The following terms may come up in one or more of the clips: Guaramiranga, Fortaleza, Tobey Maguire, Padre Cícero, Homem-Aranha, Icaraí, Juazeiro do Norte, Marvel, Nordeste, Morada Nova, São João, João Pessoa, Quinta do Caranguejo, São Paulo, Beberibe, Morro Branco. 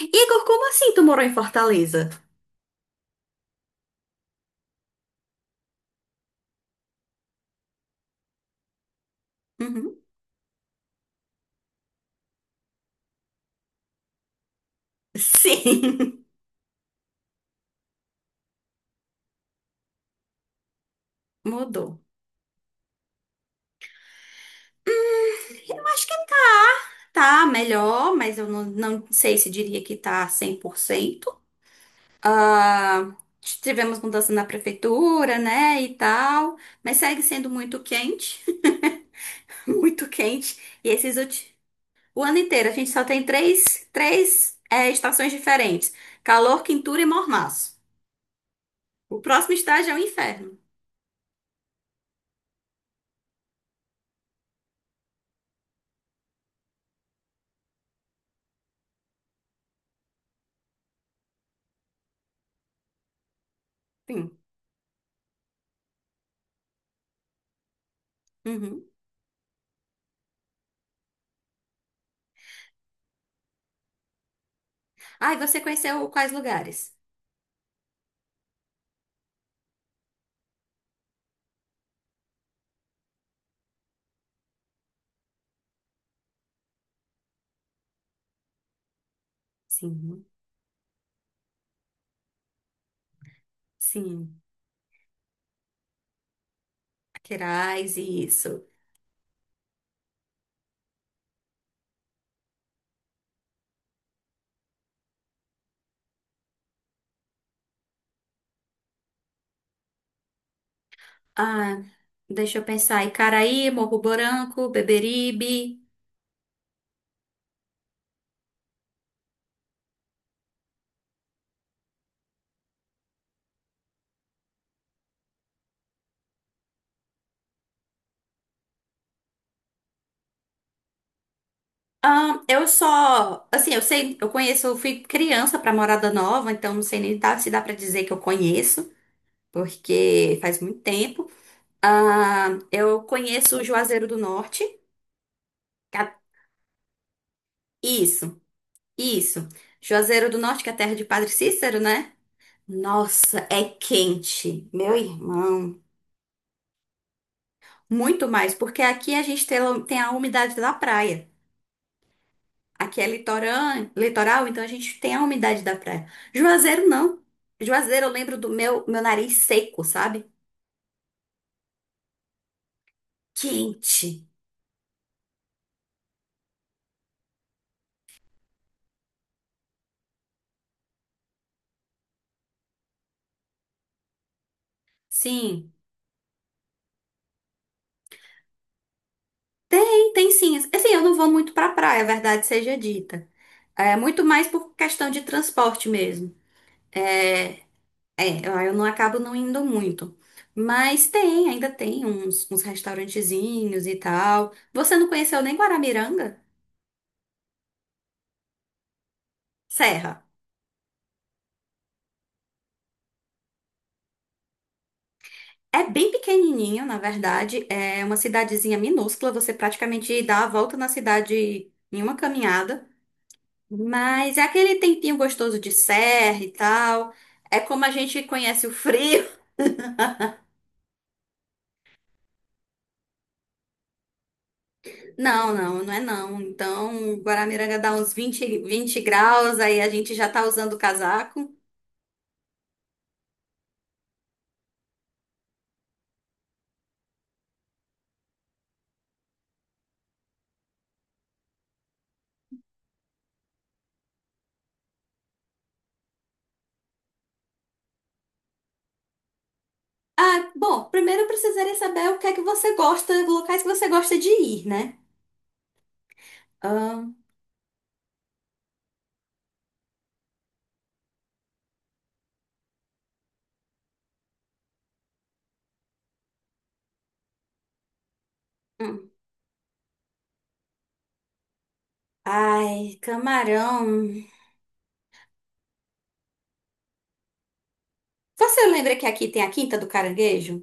Igor, como assim tu morou em Fortaleza? Uhum. Sim, mudou. Eu acho que tá melhor, mas eu não sei se diria que tá 100%. Ah, tivemos mudança na prefeitura, né, e tal, mas segue sendo muito quente, muito quente. E esses últimos... O ano inteiro a gente só tem três estações diferentes. Calor, quintura e mormaço. O próximo estágio é o inferno. Sim. Uhum. Ah, e você conheceu quais lugares? Sim, sim. Queirais, isso. Ah, deixa eu pensar. Icaraí, Morro Branco, Beberibe. Ah, eu só, assim, eu sei, eu conheço, eu fui criança pra Morada Nova, então não sei nem dá- se dá pra dizer que eu conheço, porque faz muito tempo. Ah, eu conheço o Juazeiro do Norte. Que é- Isso, isso. Juazeiro do Norte, que é a terra de Padre Cícero, né? Nossa, é quente, meu irmão. Muito mais, porque aqui a gente tem a umidade da praia. Aqui é litorã- litoral, então a gente tem a umidade da praia. Juazeiro não. Juazeiro, eu lembro do meu nariz seco, sabe? Quente. Sim, tem, tem sim. Assim, eu não vou muito pra praia, a verdade seja dita. É muito mais por questão de transporte mesmo. É, é, eu não acabo não indo muito. Mas tem, ainda tem uns, uns restaurantezinhos e tal. Você não conheceu nem Guaramiranga? Serra. É bem pequenininho, na verdade. É uma cidadezinha minúscula. Você praticamente dá a volta na cidade em uma caminhada. Mas é aquele tempinho gostoso de serra e tal. É como a gente conhece o frio. Não, não, não é não. Então, Guaramiranga dá uns 20, 20 graus, aí a gente já tá usando o casaco. Ah, bom, primeiro eu precisaria saber o que é que você gosta, locais que você gosta de ir, né? Ah, hum. Ai, camarão. Você lembra que aqui tem a Quinta do Caranguejo?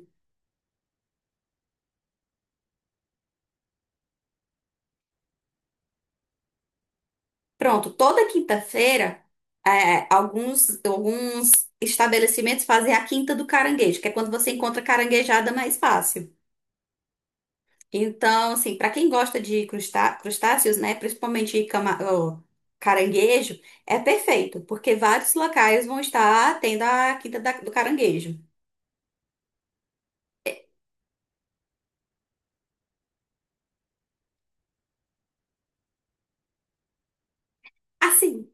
Pronto, toda quinta-feira, alguns estabelecimentos fazem a Quinta do Caranguejo, que é quando você encontra caranguejada mais fácil. Então, assim, para quem gosta de crustá- crustáceos, né, principalmente cama- ó, caranguejo, é perfeito, porque vários locais vão estar tendo a Quinta da- do Caranguejo. Assim.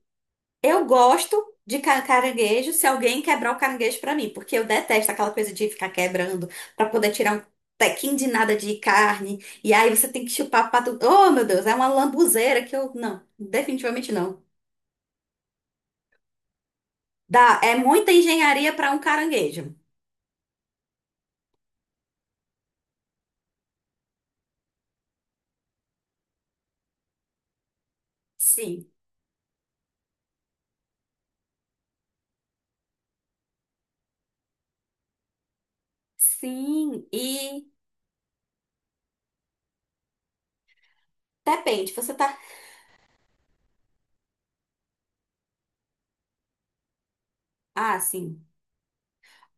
Eu gosto de ca- caranguejo se alguém quebrar o caranguejo pra mim, porque eu detesto aquela coisa de ficar quebrando pra poder tirar um tequinho de nada de carne. E aí você tem que chupar pra tudo. Oh, meu Deus, é uma lambuzeira que eu. Não, definitivamente não. Dá, é muita engenharia pra um caranguejo. Sim, sim. E depende, você tá. Ah, sim.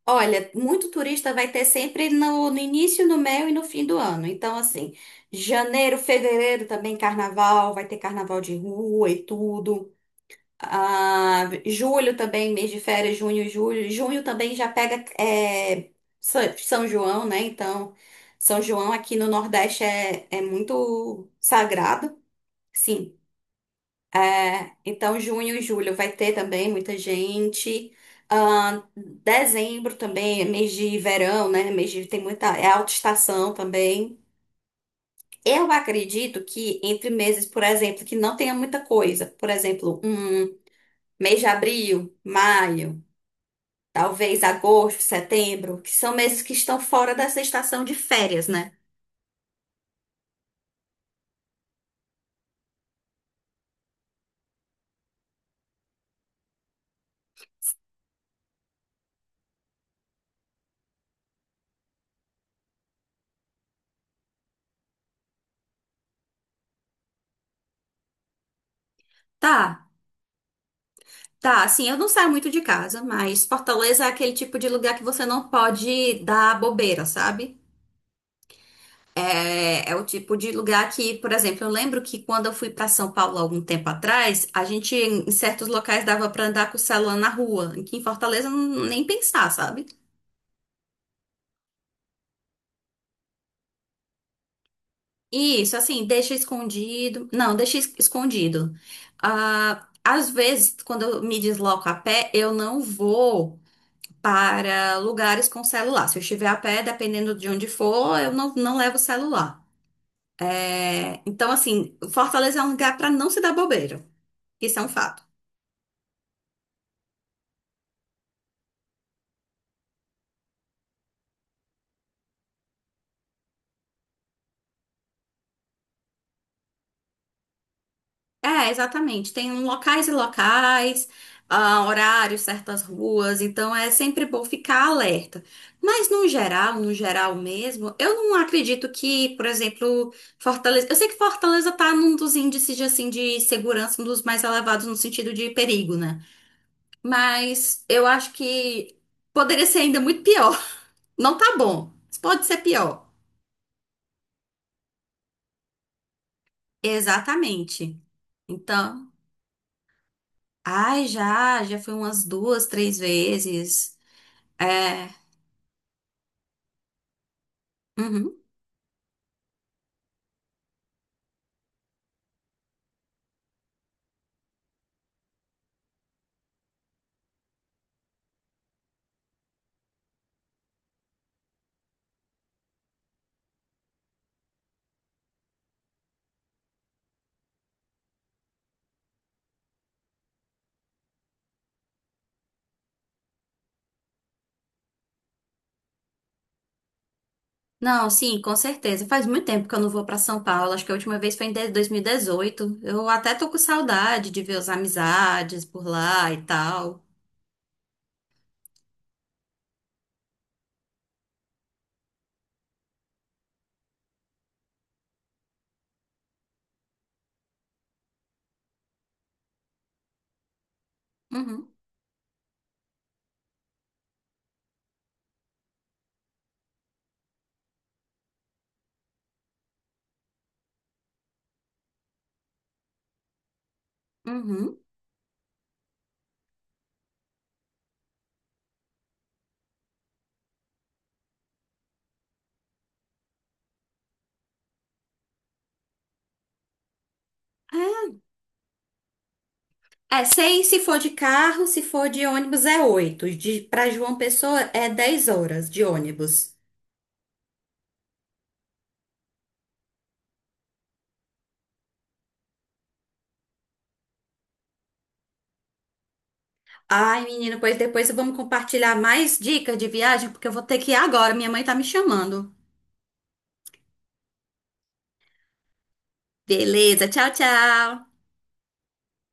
Olha, muito turista vai ter sempre no início, no meio e no fim do ano. Então, assim, janeiro, fevereiro também carnaval, vai ter carnaval de rua e tudo. Ah, julho também, mês de férias, junho, julho. Junho também já pega é, Sa- São João, né? Então, São João aqui no Nordeste é, é muito sagrado. Sim. É, então, junho e julho vai ter também muita gente. Dezembro também, é mês de verão, né? Mês de, tem muita, é alta estação também. Eu acredito que entre meses, por exemplo, que não tenha muita coisa. Por exemplo, um mês de abril, maio, talvez agosto, setembro, que são meses que estão fora dessa estação de férias, né? Tá, tá. Assim, eu não saio muito de casa, mas Fortaleza é aquele tipo de lugar que você não pode dar bobeira, sabe? É, é o tipo de lugar que, por exemplo, eu lembro que quando eu fui para São Paulo algum tempo atrás, a gente em certos locais dava para andar com o celular na rua, que em Fortaleza não- nem pensar, sabe? E isso, assim, deixa escondido. Não, deixa es- escondido. Ah, às vezes, quando eu me desloco a pé, eu não vou para lugares com celular. Se eu estiver a pé, dependendo de onde for, eu não levo celular. É, então, assim, Fortaleza é um lugar para não se dar bobeira. Isso é um fato. É, exatamente. Tem um locais e locais, ah, horários, certas ruas, então é sempre bom ficar alerta. Mas no geral, no geral mesmo, eu não acredito que, por exemplo, Fortaleza. Eu sei que Fortaleza tá num dos índices de, assim, de segurança, um dos mais elevados no sentido de perigo, né? Mas eu acho que poderia ser ainda muito pior. Não tá bom, mas pode ser pior. Exatamente. Então, ai, já, já fui umas duas, três vezes. É. Uhum. Não, sim, com certeza. Faz muito tempo que eu não vou para São Paulo. Acho que a última vez foi em de- 2018. Eu até tô com saudade de ver as amizades por lá e tal. Uhum. Uhum. É, é, sei se for de carro, se for de ônibus é 8. De, para João Pessoa é 10 horas de ônibus. Ai, menino, pois depois vamos compartilhar mais dicas de viagem, porque eu vou ter que ir agora. Minha mãe tá me chamando. Beleza, tchau, tchau.